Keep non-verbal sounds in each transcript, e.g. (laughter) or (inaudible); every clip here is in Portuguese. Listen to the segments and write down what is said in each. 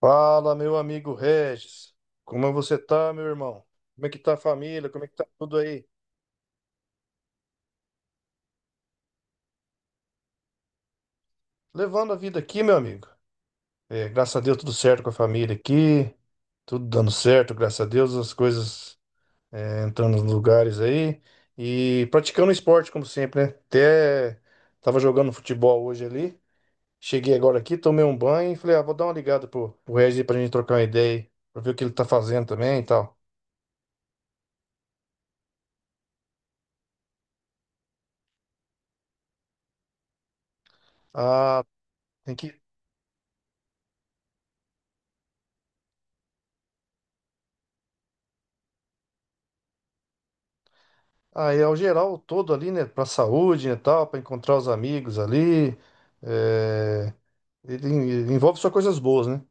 Fala, meu amigo Regis. Como você tá, meu irmão? Como é que tá a família? Como é que tá tudo aí? Levando a vida aqui, meu amigo. Graças a Deus, tudo certo com a família aqui. Tudo dando certo, graças a Deus, as coisas entrando nos lugares aí. E praticando esporte, como sempre, né? Até tava jogando futebol hoje ali. Cheguei agora aqui, tomei um banho e falei, ah, vou dar uma ligada pro Regis aí pra gente trocar uma ideia aí, pra ver o que ele tá fazendo também e tal. Ah, tem que. Aí ao geral todo ali, né, para saúde, né, tal, para encontrar os amigos ali, é, envolve só coisas boas, né?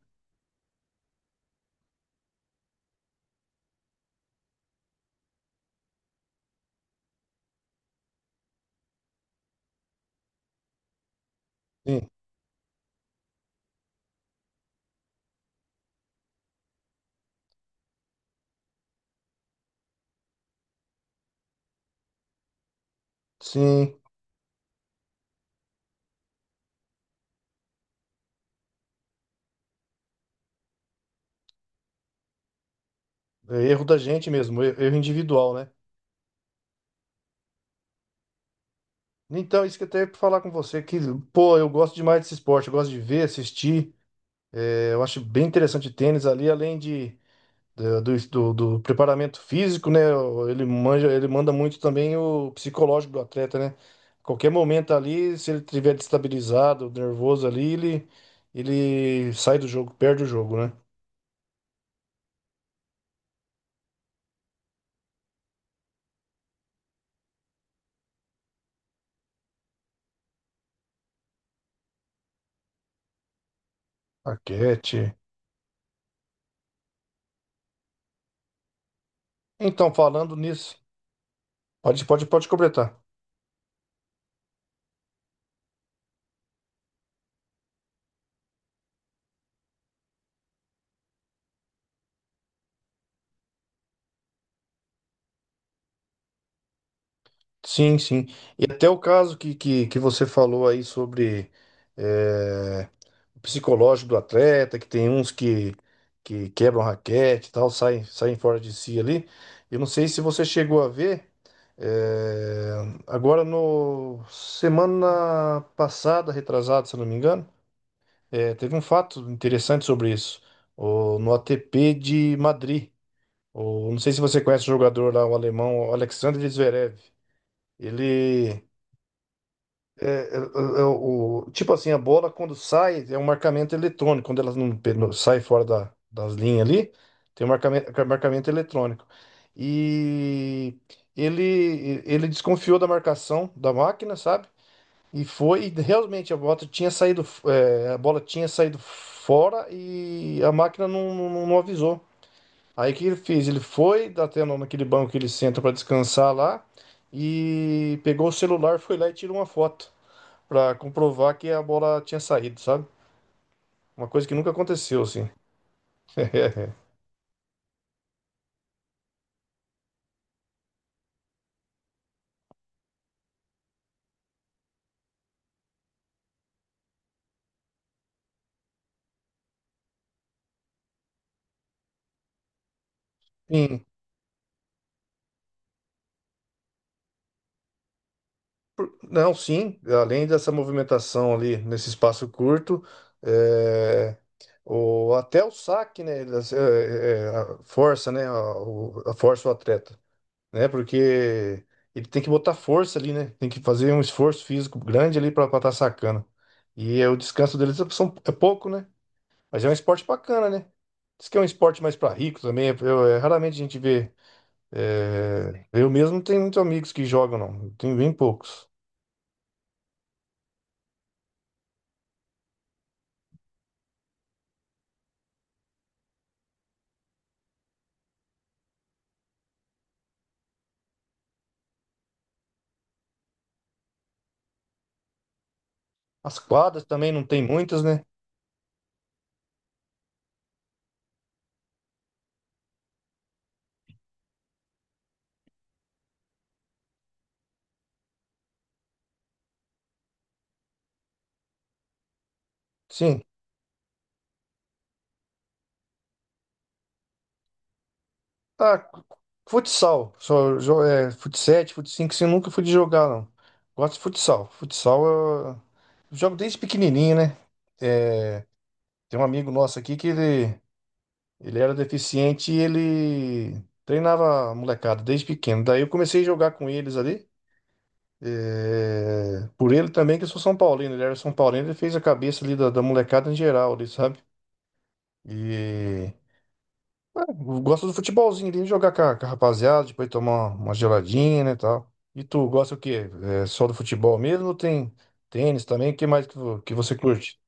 Sim, sim, é erro da gente mesmo, erro individual, né? Então, isso que eu até ia falar com você, que, pô, eu gosto demais desse esporte, eu gosto de ver, assistir, eu acho bem interessante o tênis ali, além do preparamento físico, né? Ele manja, ele manda muito também o psicológico do atleta, né? Qualquer momento ali, se ele estiver destabilizado, nervoso ali, ele sai do jogo, perde o jogo, né? Raquete. Então, falando nisso, pode completar. Sim, sim. E até o caso que você falou aí sobre. eh, psicológico do atleta, que tem uns que quebram raquete e tal, saem fora de si ali. Eu não sei se você chegou a ver, é, agora no semana passada, retrasada, se eu não me engano, teve um fato interessante sobre isso, no ATP de Madrid. Não sei se você conhece o jogador lá, o alemão o Alexander Zverev. Ele é, é, tipo assim, a bola quando sai é um marcamento eletrônico. Quando ela não, não sai fora das linhas ali, tem um marcamento eletrônico. E ele desconfiou da marcação da máquina, sabe? E foi, e realmente a bola tinha saído, a bola tinha saído fora e a máquina não avisou. Aí o que ele fez? Ele foi dá até naquele banco que ele senta para descansar lá e pegou o celular, foi lá e tirou uma foto pra comprovar que a bola tinha saído, sabe? Uma coisa que nunca aconteceu, assim. (laughs) Sim, não, sim, além dessa movimentação ali nesse espaço curto, é, até o saque, né, ele, assim, a força, né, a força o atleta, né, porque ele tem que botar força ali, né, tem que fazer um esforço físico grande ali para estar sacando. E é, o descanso deles é pouco, né, mas é um esporte bacana, né. Diz que é um esporte mais para rico também, eu, é, raramente a gente vê. É, eu mesmo não tenho muitos amigos que jogam, não. Eu tenho bem poucos. As quadras também não tem muitas, né? Sim. Ah, futsal. Só, é, fut 7, fut 5, assim, eu nunca fui de jogar, não. Gosto de futsal. Futsal eu jogo desde pequenininho, né? Tem um amigo nosso aqui ele era deficiente e ele treinava a molecada desde pequeno. Daí eu comecei a jogar com eles ali. É, por ele também, que eu sou São Paulino. Ele era São Paulino, ele fez a cabeça ali da molecada em geral, ali, sabe? E é, eu gosto do futebolzinho ali, jogar com a rapaziada, depois tomar uma geladinha, né, tal. E tu gosta o quê? É só do futebol mesmo ou tem tênis também? O que mais que, que você curte?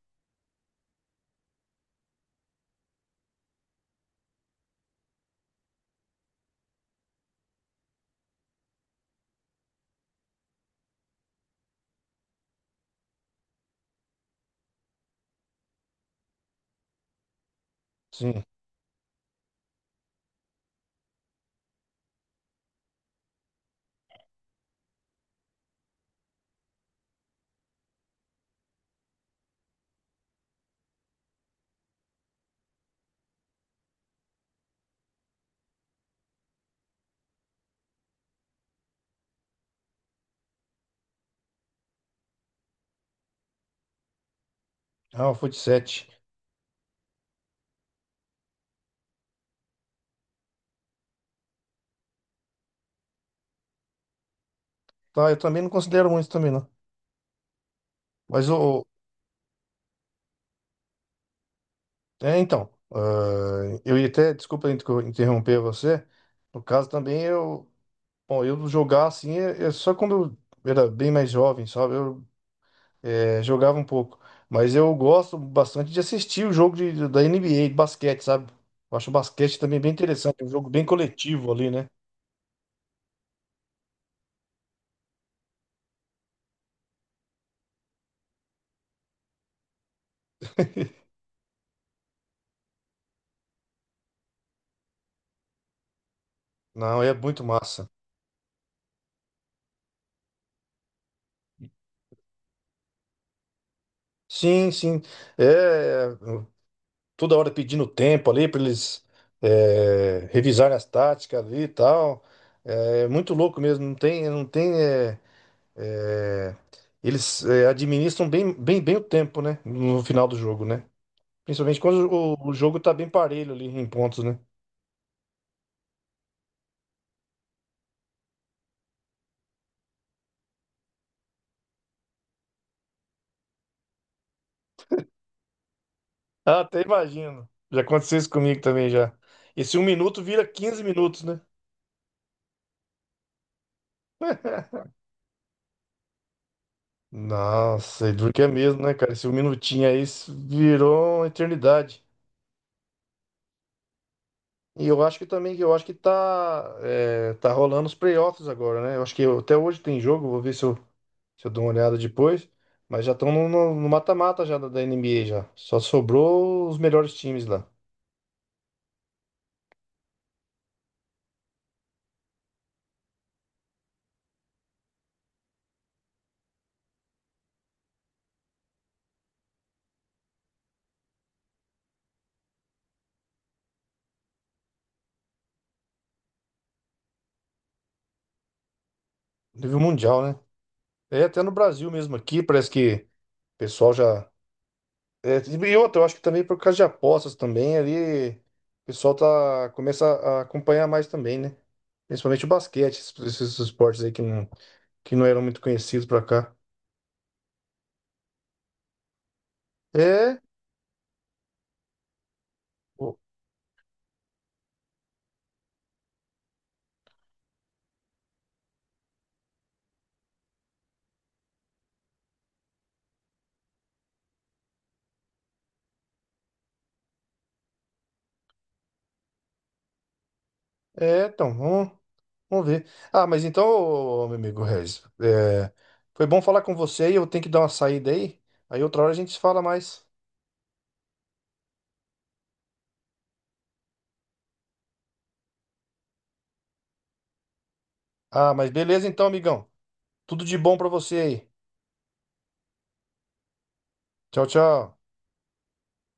Sim. Ah, o fut 7. Tá, eu também não considero muito também, não. Mas o... É, então, ah, eu ia até... Desculpa interromper você. No caso também, eu... Bom, eu jogar assim, é só quando eu era bem mais jovem, sabe? Eu é, jogava um pouco. Mas eu gosto bastante de assistir o jogo da NBA, de basquete, sabe? Eu acho o basquete também bem interessante, é um jogo bem coletivo ali, né? Não, é muito massa. Sim, sim. É, toda hora pedindo tempo ali para eles revisarem as táticas ali e tal. É é muito louco mesmo, não tem, não tem. É, eles é, administram bem o tempo, né? No final do jogo, né? Principalmente quando o jogo tá bem parelho ali em pontos, né? Ah, até imagino. Já aconteceu isso comigo também já. Esse um minuto vira 15 minutos, né? Nossa, e duro que é mesmo, né, cara? Esse um minutinho aí virou uma eternidade. E eu acho que também, eu acho que tá, tá rolando os playoffs agora, né? Eu acho que até hoje tem jogo, vou ver se eu, se eu dou uma olhada depois. Mas já estão no mata-mata já da NBA já. Só sobrou os melhores times lá. Nível mundial, né? É, até no Brasil mesmo aqui, parece que o pessoal já. É, e outra, eu acho que também por causa de apostas também ali, o pessoal tá, começa a acompanhar mais também, né? Principalmente o basquete, esses esportes aí que não eram muito conhecidos pra cá. É, o- então, vamos ver. Ah, mas então, ô, meu amigo Regis, foi bom falar com você aí, eu tenho que dar uma saída aí, aí outra hora a gente se fala mais. Ah, mas beleza então, amigão. Tudo de bom pra você aí. Tchau, tchau.